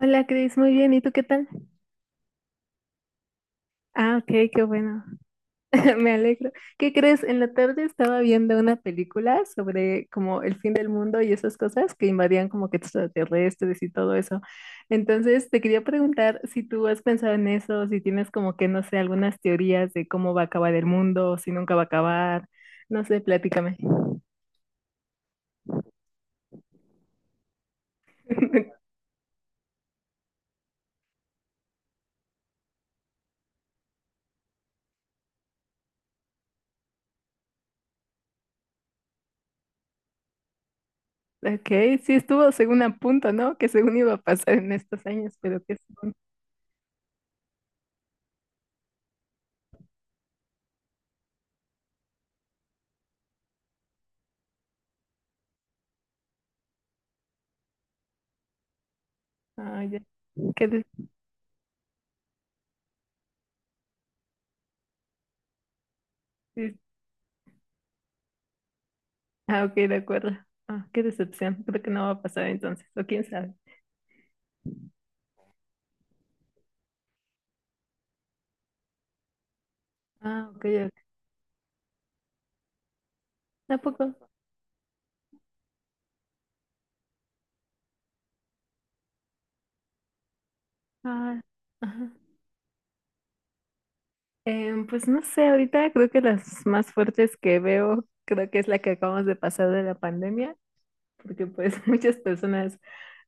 Hola Cris, muy bien. ¿Y tú qué tal? Ah, ok, qué bueno. Me alegro. ¿Qué crees? En la tarde estaba viendo una película sobre como el fin del mundo y esas cosas que invadían como que extraterrestres y todo eso. Entonces, te quería preguntar si tú has pensado en eso, si tienes como que, no sé, algunas teorías de cómo va a acabar el mundo, si nunca va a acabar. No sé, platícame. Ok, sí estuvo según a punto, ¿no? Que según iba a pasar en estos años, pero que según... Ah, ya. ¿Qué? Ah, ok, de acuerdo. Ah, qué decepción. Creo que no va a pasar entonces, o quién sabe. Ah, ok, ok. Tampoco. Ah, ajá. Pues no sé, ahorita creo que las más fuertes que veo, creo que es la que acabamos de pasar de la pandemia, porque pues muchas personas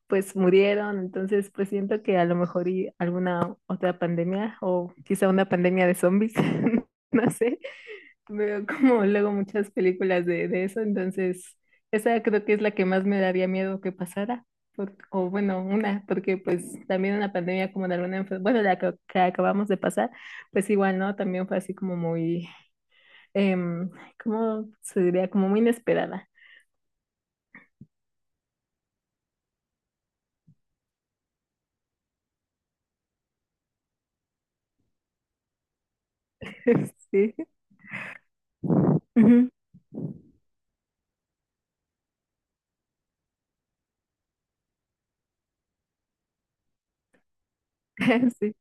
pues murieron, entonces pues siento que a lo mejor y alguna otra pandemia o quizá una pandemia de zombies, no sé. Veo como luego muchas películas de eso, entonces esa creo que es la que más me daría miedo que pasara, por- o bueno, una, porque pues también una pandemia como de alguna enfermedad, bueno, la que acabamos de pasar, pues igual, ¿no? También fue así como muy, em, ¿cómo se diría? Como muy inesperada. Sí. Ujú. Sí,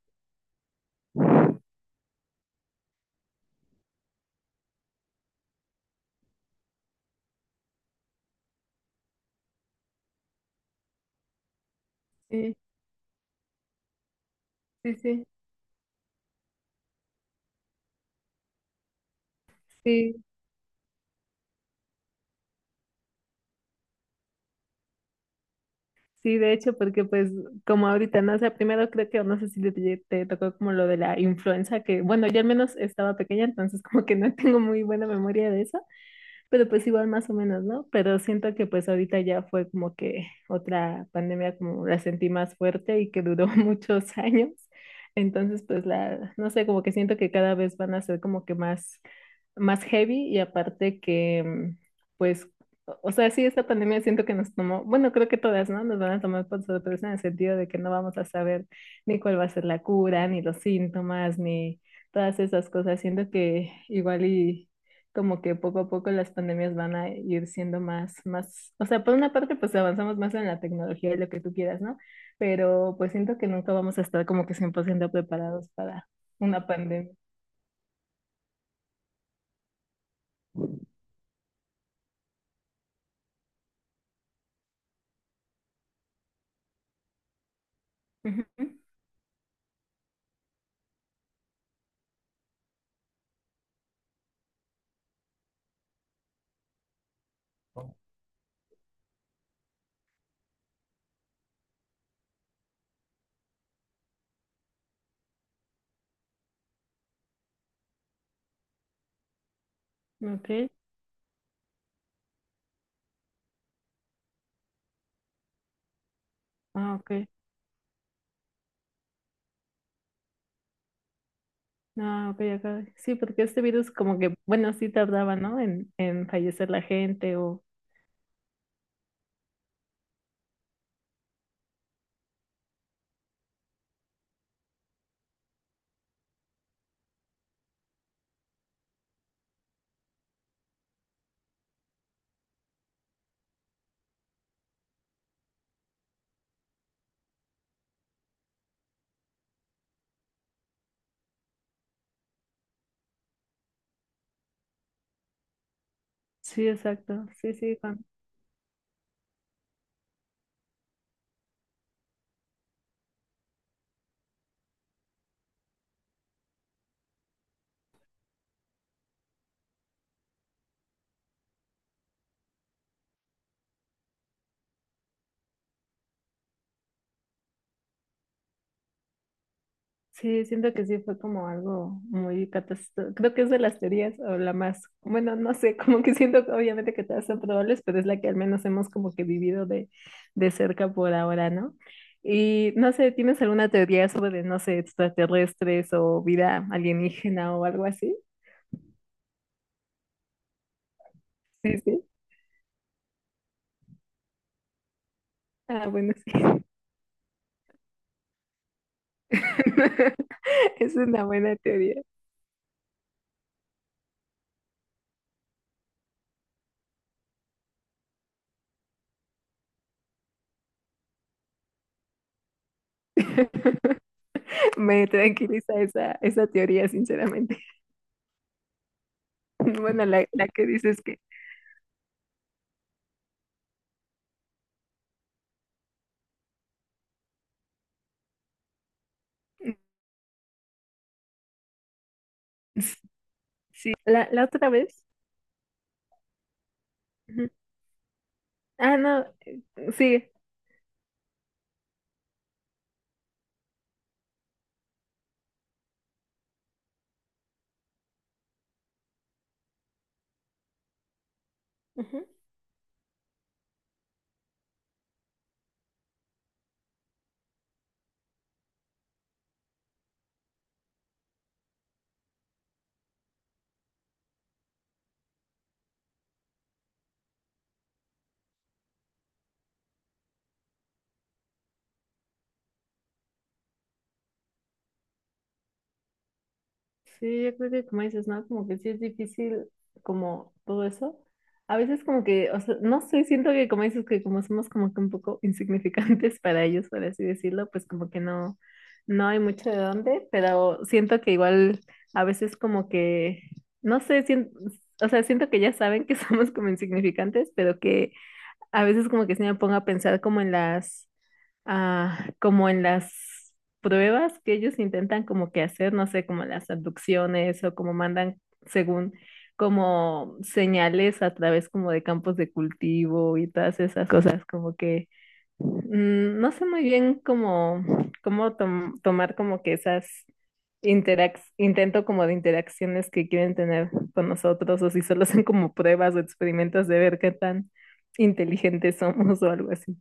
sí, sí, sí, sí. Sí, de hecho, porque pues como ahorita, no sé, primero creo que, no sé si te, te tocó como lo de la influenza, que bueno, yo al menos estaba pequeña, entonces como que no tengo muy buena memoria de eso, pero pues igual más o menos, ¿no? Pero siento que pues ahorita ya fue como que otra pandemia como la sentí más fuerte y que duró muchos años. Entonces, pues la, no sé, como que siento que cada vez van a ser como que más, más heavy y aparte que, mm, pues, o sea, sí, esta pandemia siento que nos tomó, bueno, creo que todas, ¿no? Nos van a tomar por sorpresa en el sentido de que no vamos a saber ni cuál va a ser la cura, ni los síntomas, ni todas esas cosas. Siento que igual y como que poco a poco las pandemias van a ir siendo más, más, o sea, por una parte pues avanzamos más en la tecnología y lo que tú quieras, ¿no? Pero pues siento que nunca vamos a estar como que cien por ciento preparados para una pandemia. Ujú. Ok, ah, ok, ah, ok, acá. Sí, porque este virus como que, bueno, sí tardaba, ¿no? En fallecer la gente o... Sí, exacto, sí, sí. Sí, siento que sí fue como algo muy catastrófico. Creo que es de las teorías o la más, bueno, no sé, como que siento que obviamente que todas son probables, pero es la que al menos hemos como que vivido de cerca por ahora, ¿no? Y no sé, ¿tienes alguna teoría sobre, no sé, extraterrestres o vida alienígena o algo así? Sí, sí. Ah, bueno, sí. Es una buena teoría. Me tranquiliza esa, esa teoría, sinceramente. Bueno, la que dices que... Sí, la otra vez. Ujú. Ah, no, sí. Ujú. Sí, yo creo que como dices, ¿no? Como que sí es difícil como todo eso. A veces como que, o sea, no sé, siento que como dices que como somos como que un poco insignificantes para ellos, por así decirlo, pues como que no, no hay mucho de dónde, pero siento que igual a veces como que, no sé, sien- o sea, siento que ya saben que somos como insignificantes, pero que a veces como que se me pongo a pensar como en las, ah, como en las pruebas que ellos intentan como que hacer, no sé, como las abducciones o como mandan según como señales a través como de campos de cultivo y todas esas cosas, como que mm, no sé muy bien cómo, cómo tom- tomar como que esas interac intento como de interacciones que quieren tener con nosotros o si solo son como pruebas o experimentos de ver qué tan inteligentes somos o algo así.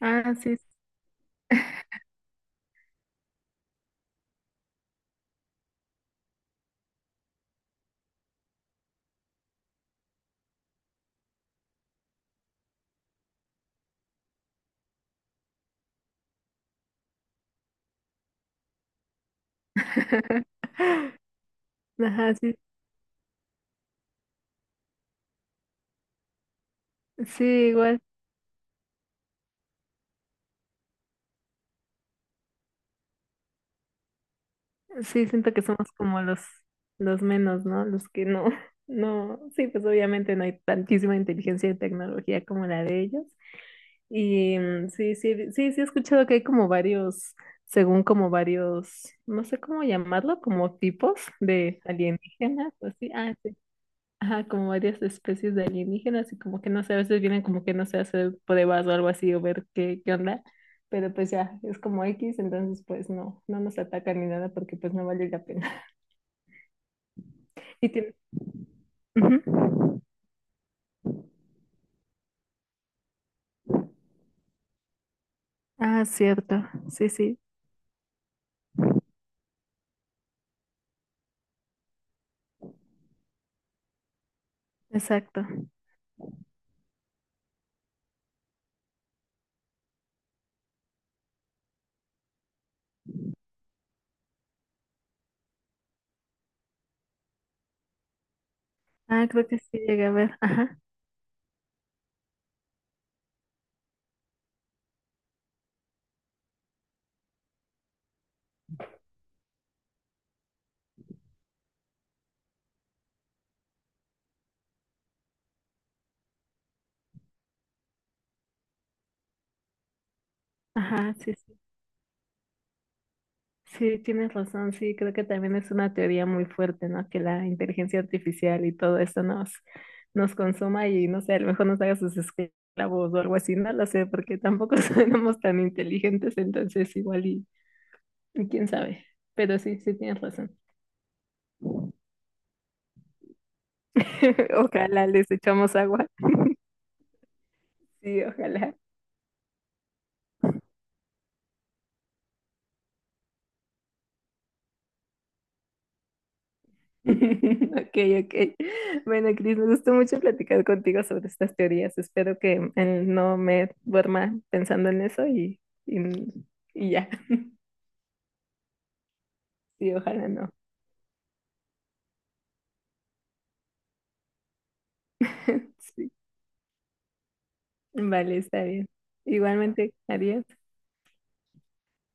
Ah, sí. Ajá, sí. Sí, igual. Sí, siento que somos como los menos, ¿no? Los que no, no, sí, pues obviamente no hay tantísima inteligencia y tecnología como la de ellos. Y mm, sí, sí, sí, sí he escuchado que hay como varios, según como varios, no sé cómo llamarlo, como tipos de alienígenas, o así, ah, sí. Ajá, como varias especies de alienígenas y como que no sé, a veces vienen como que no sé, a hacer pruebas o algo así o ver qué, qué onda, pero pues ya, es como X, entonces pues no, no nos atacan ni nada porque pues no vale la pena. Y tiene... Ujú. Ah, cierto, sí, sí, exacto. Ah, creo que sí llegué a ver, ajá, ajá, sí. Sí, tienes razón, sí, creo que también es una teoría muy fuerte, ¿no? Que la inteligencia artificial y todo esto nos, nos consuma y no sé, a lo mejor nos haga sus esclavos o algo así, no lo sé, porque tampoco somos tan inteligentes, entonces igual y quién sabe, pero sí, sí tienes razón. Ojalá les echamos agua, sí, ojalá. Ok, ok. Bueno, Cris, me gustó mucho platicar contigo sobre estas teorías. Espero que no me duerma pensando en eso y, y ya. Sí, ojalá no. Sí. Vale, está bien. Igualmente, adiós.